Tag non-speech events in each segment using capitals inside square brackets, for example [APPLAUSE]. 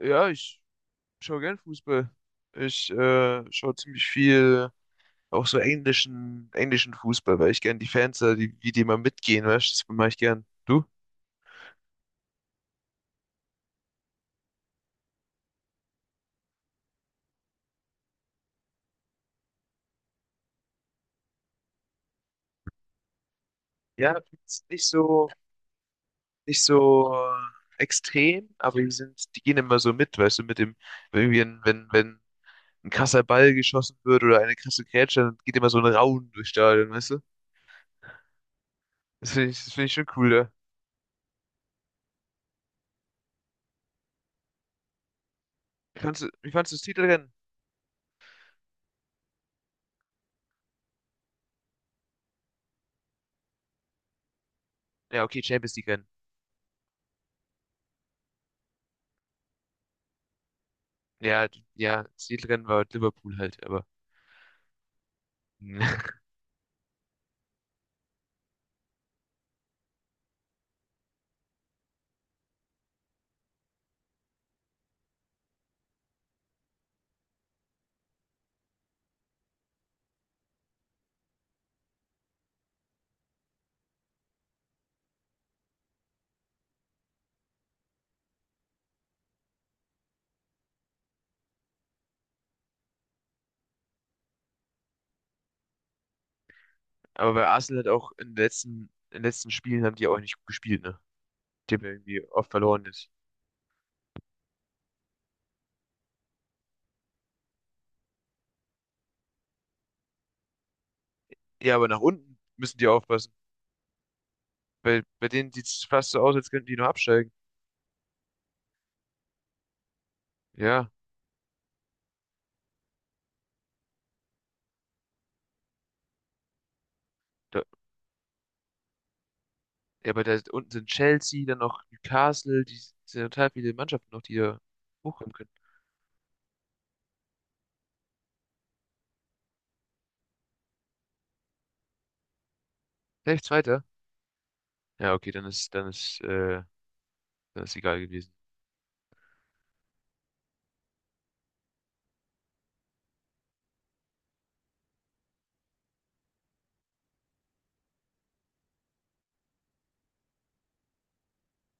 Ja, ich schaue gern Fußball. Ich schaue ziemlich viel auch so englischen Fußball, weil ich gern die Fans, da, die, wie die mal mitgehen, weißt du, das mache ich gern. Du? Ja, find's nicht so, nicht so extrem, aber die sind, die gehen immer so mit, weißt du, mit dem, wenn irgendwie wenn ein krasser Ball geschossen wird oder eine krasse Grätsche, dann geht immer so ein Raunen durchs Stadion, weißt du? Das finde ich schon cool, ja. Wie fandst du das Titelrennen? Ja, okay, Champions League Rennen. Ja, ja, das Titelrennen war Liverpool halt, aber. [LAUGHS] Aber bei Arsenal hat auch in den letzten Spielen haben die auch nicht gut gespielt, ne? Die haben irgendwie oft verloren jetzt. Ja, aber nach unten müssen die aufpassen. Bei denen sieht es fast so aus, als könnten die nur absteigen. Ja, da, ja, aber da unten sind Chelsea, dann noch Newcastle, die sind total viele Mannschaften noch, die da hochkommen können. Vielleicht Zweiter? Ja, okay, dann ist egal gewesen.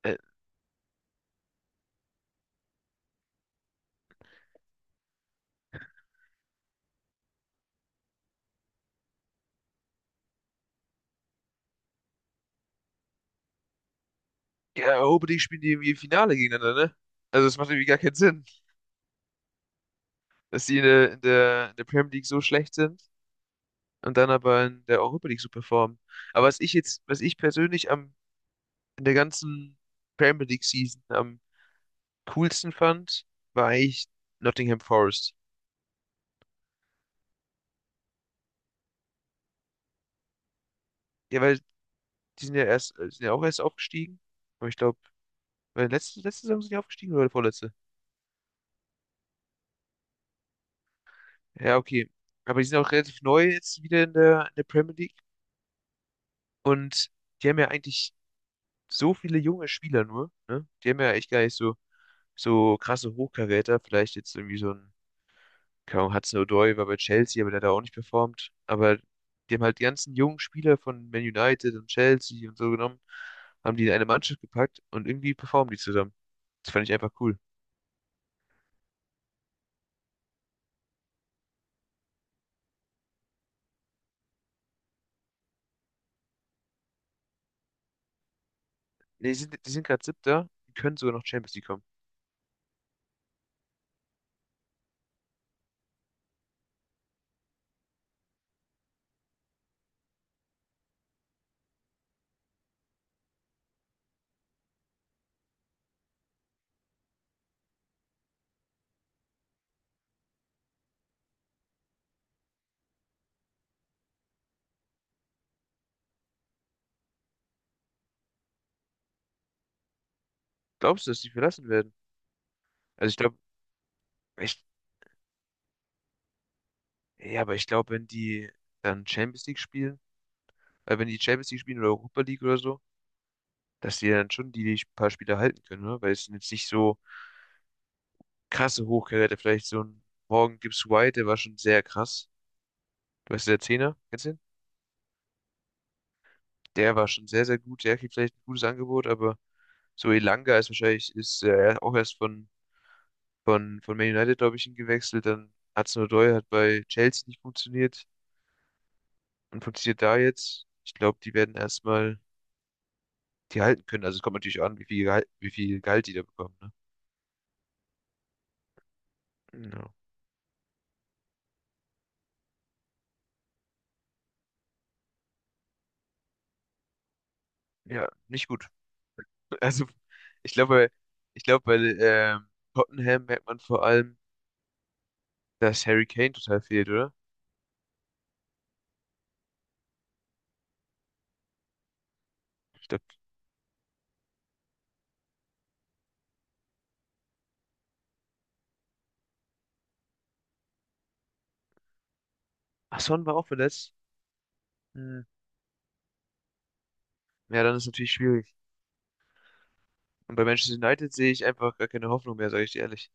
Äh, Ja, Europa League spielen die irgendwie im Finale gegeneinander, ne? Also es macht irgendwie gar keinen Sinn, dass die in der Premier League so schlecht sind und dann aber in der Europa League so performen. Aber was ich persönlich am, in der ganzen Premier League Season am coolsten fand, war eigentlich Nottingham Forest. Ja, weil die sind ja erst, sind ja auch erst aufgestiegen. Aber ich glaube, letzte Saison sind die aufgestiegen oder vorletzte? Ja, okay. Aber die sind auch relativ neu jetzt wieder in der Premier League. Und die haben ja eigentlich so viele junge Spieler nur, ne? Die haben ja echt gar nicht so, so krasse Hochkaräter. Vielleicht jetzt irgendwie so ein, keine Ahnung, Hudson-Odoi war bei Chelsea, aber der hat da auch nicht performt. Aber die haben halt die ganzen jungen Spieler von Man United und Chelsea und so genommen, haben die in eine Mannschaft gepackt und irgendwie performen die zusammen. Das fand ich einfach cool. Nee, die sind gerade Siebter, die können sogar noch Champions League kommen. Glaubst du, dass die verlassen werden? Also ich glaube, ich, ja, aber ich glaube, wenn die dann Champions League spielen, wenn die Champions League spielen oder Europa League oder so, dass die dann schon die, paar Spiele halten können, ne? Weil es sind jetzt nicht so krasse Hochkaräter. Vielleicht so ein Morgan Gibbs White, der war schon sehr krass. Du weißt, der Zehner, kennst du den? Der war schon sehr, sehr gut. Der kriegt vielleicht ein gutes Angebot, aber so Elanga ist wahrscheinlich, ist auch erst von, von Man United, glaube ich, hingewechselt. Dann Hudson Odoi hat bei Chelsea nicht funktioniert und funktioniert da jetzt. Ich glaube, die werden erstmal die halten können. Also es kommt natürlich an, wie viel Gehalt die da bekommen, ne? Ja, ja, nicht gut. Also, ich glaube, ich glaube, bei Tottenham merkt man vor allem, dass Harry Kane total fehlt, oder? Ich glaube, ach, Son war auch verletzt. Hm. Ja, dann ist natürlich schwierig. Und bei Manchester United sehe ich einfach gar keine Hoffnung mehr, sage ich dir ehrlich.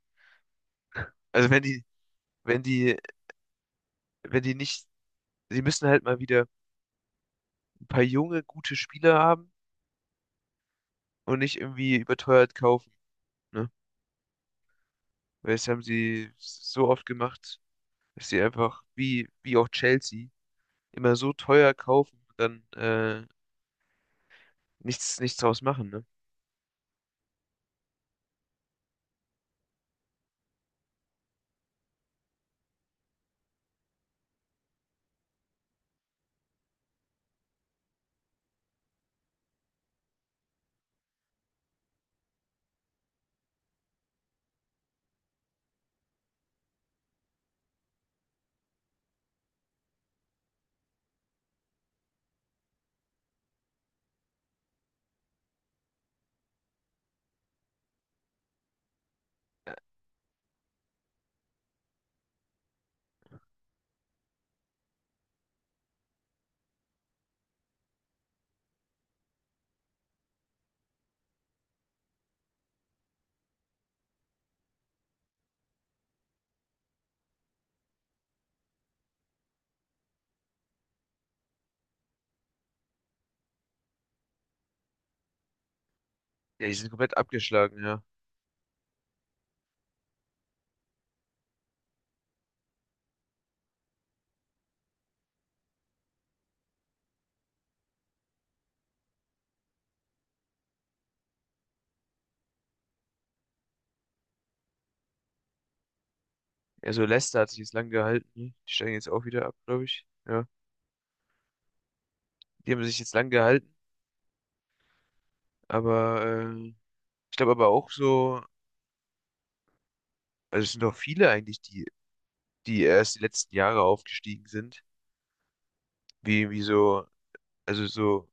Also wenn die, wenn die nicht, sie müssen halt mal wieder ein paar junge, gute Spieler haben und nicht irgendwie überteuert kaufen, ne? Weil das haben sie so oft gemacht, dass sie einfach, wie auch Chelsea, immer so teuer kaufen und dann nichts draus machen, ne? Äh, Ja, die sind komplett abgeschlagen, ja. Ja, so Leicester hat sich jetzt lang gehalten, ne? Die steigen jetzt auch wieder ab, glaube ich. Ja. Die haben sich jetzt lang gehalten, aber ich glaube aber auch so, also es sind doch viele eigentlich, die erst die letzten Jahre aufgestiegen sind. Wie, wie so, also so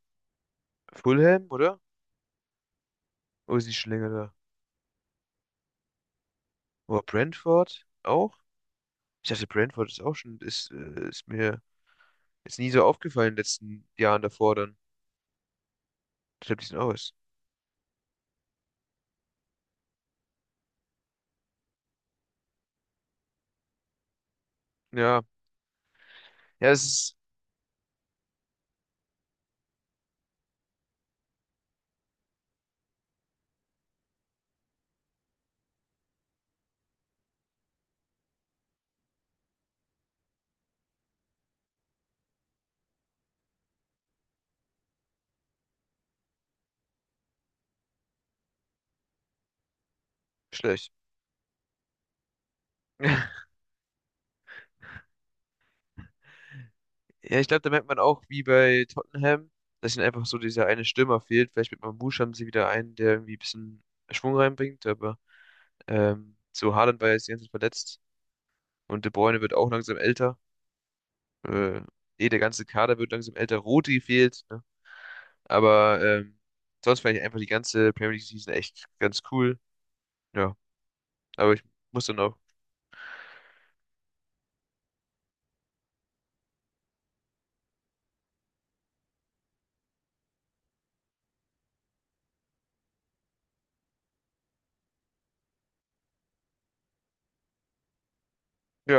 Fulham, oder? Oder ist die schon länger da? Oder Brentford auch? Ich dachte, Brentford ist auch schon, ist, ist mir jetzt nie so aufgefallen in den letzten Jahren davor dann. Ich glaube, die sind auch was. Ja, ja, es ist schlecht. [LAUGHS] Ja, ich glaube, da merkt man auch, wie bei Tottenham, dass ihnen einfach so dieser eine Stürmer fehlt. Vielleicht mit Mamouche haben sie wieder einen, der irgendwie ein bisschen Schwung reinbringt, aber so Haaland war ja jetzt die ganze Zeit verletzt und De Bruyne wird auch langsam älter. Äh, Der ganze Kader wird langsam älter. Rodri fehlt, ne? Aber sonst fand ich einfach die ganze Premier League Season echt ganz cool. Ja, aber ich muss dann auch. Ja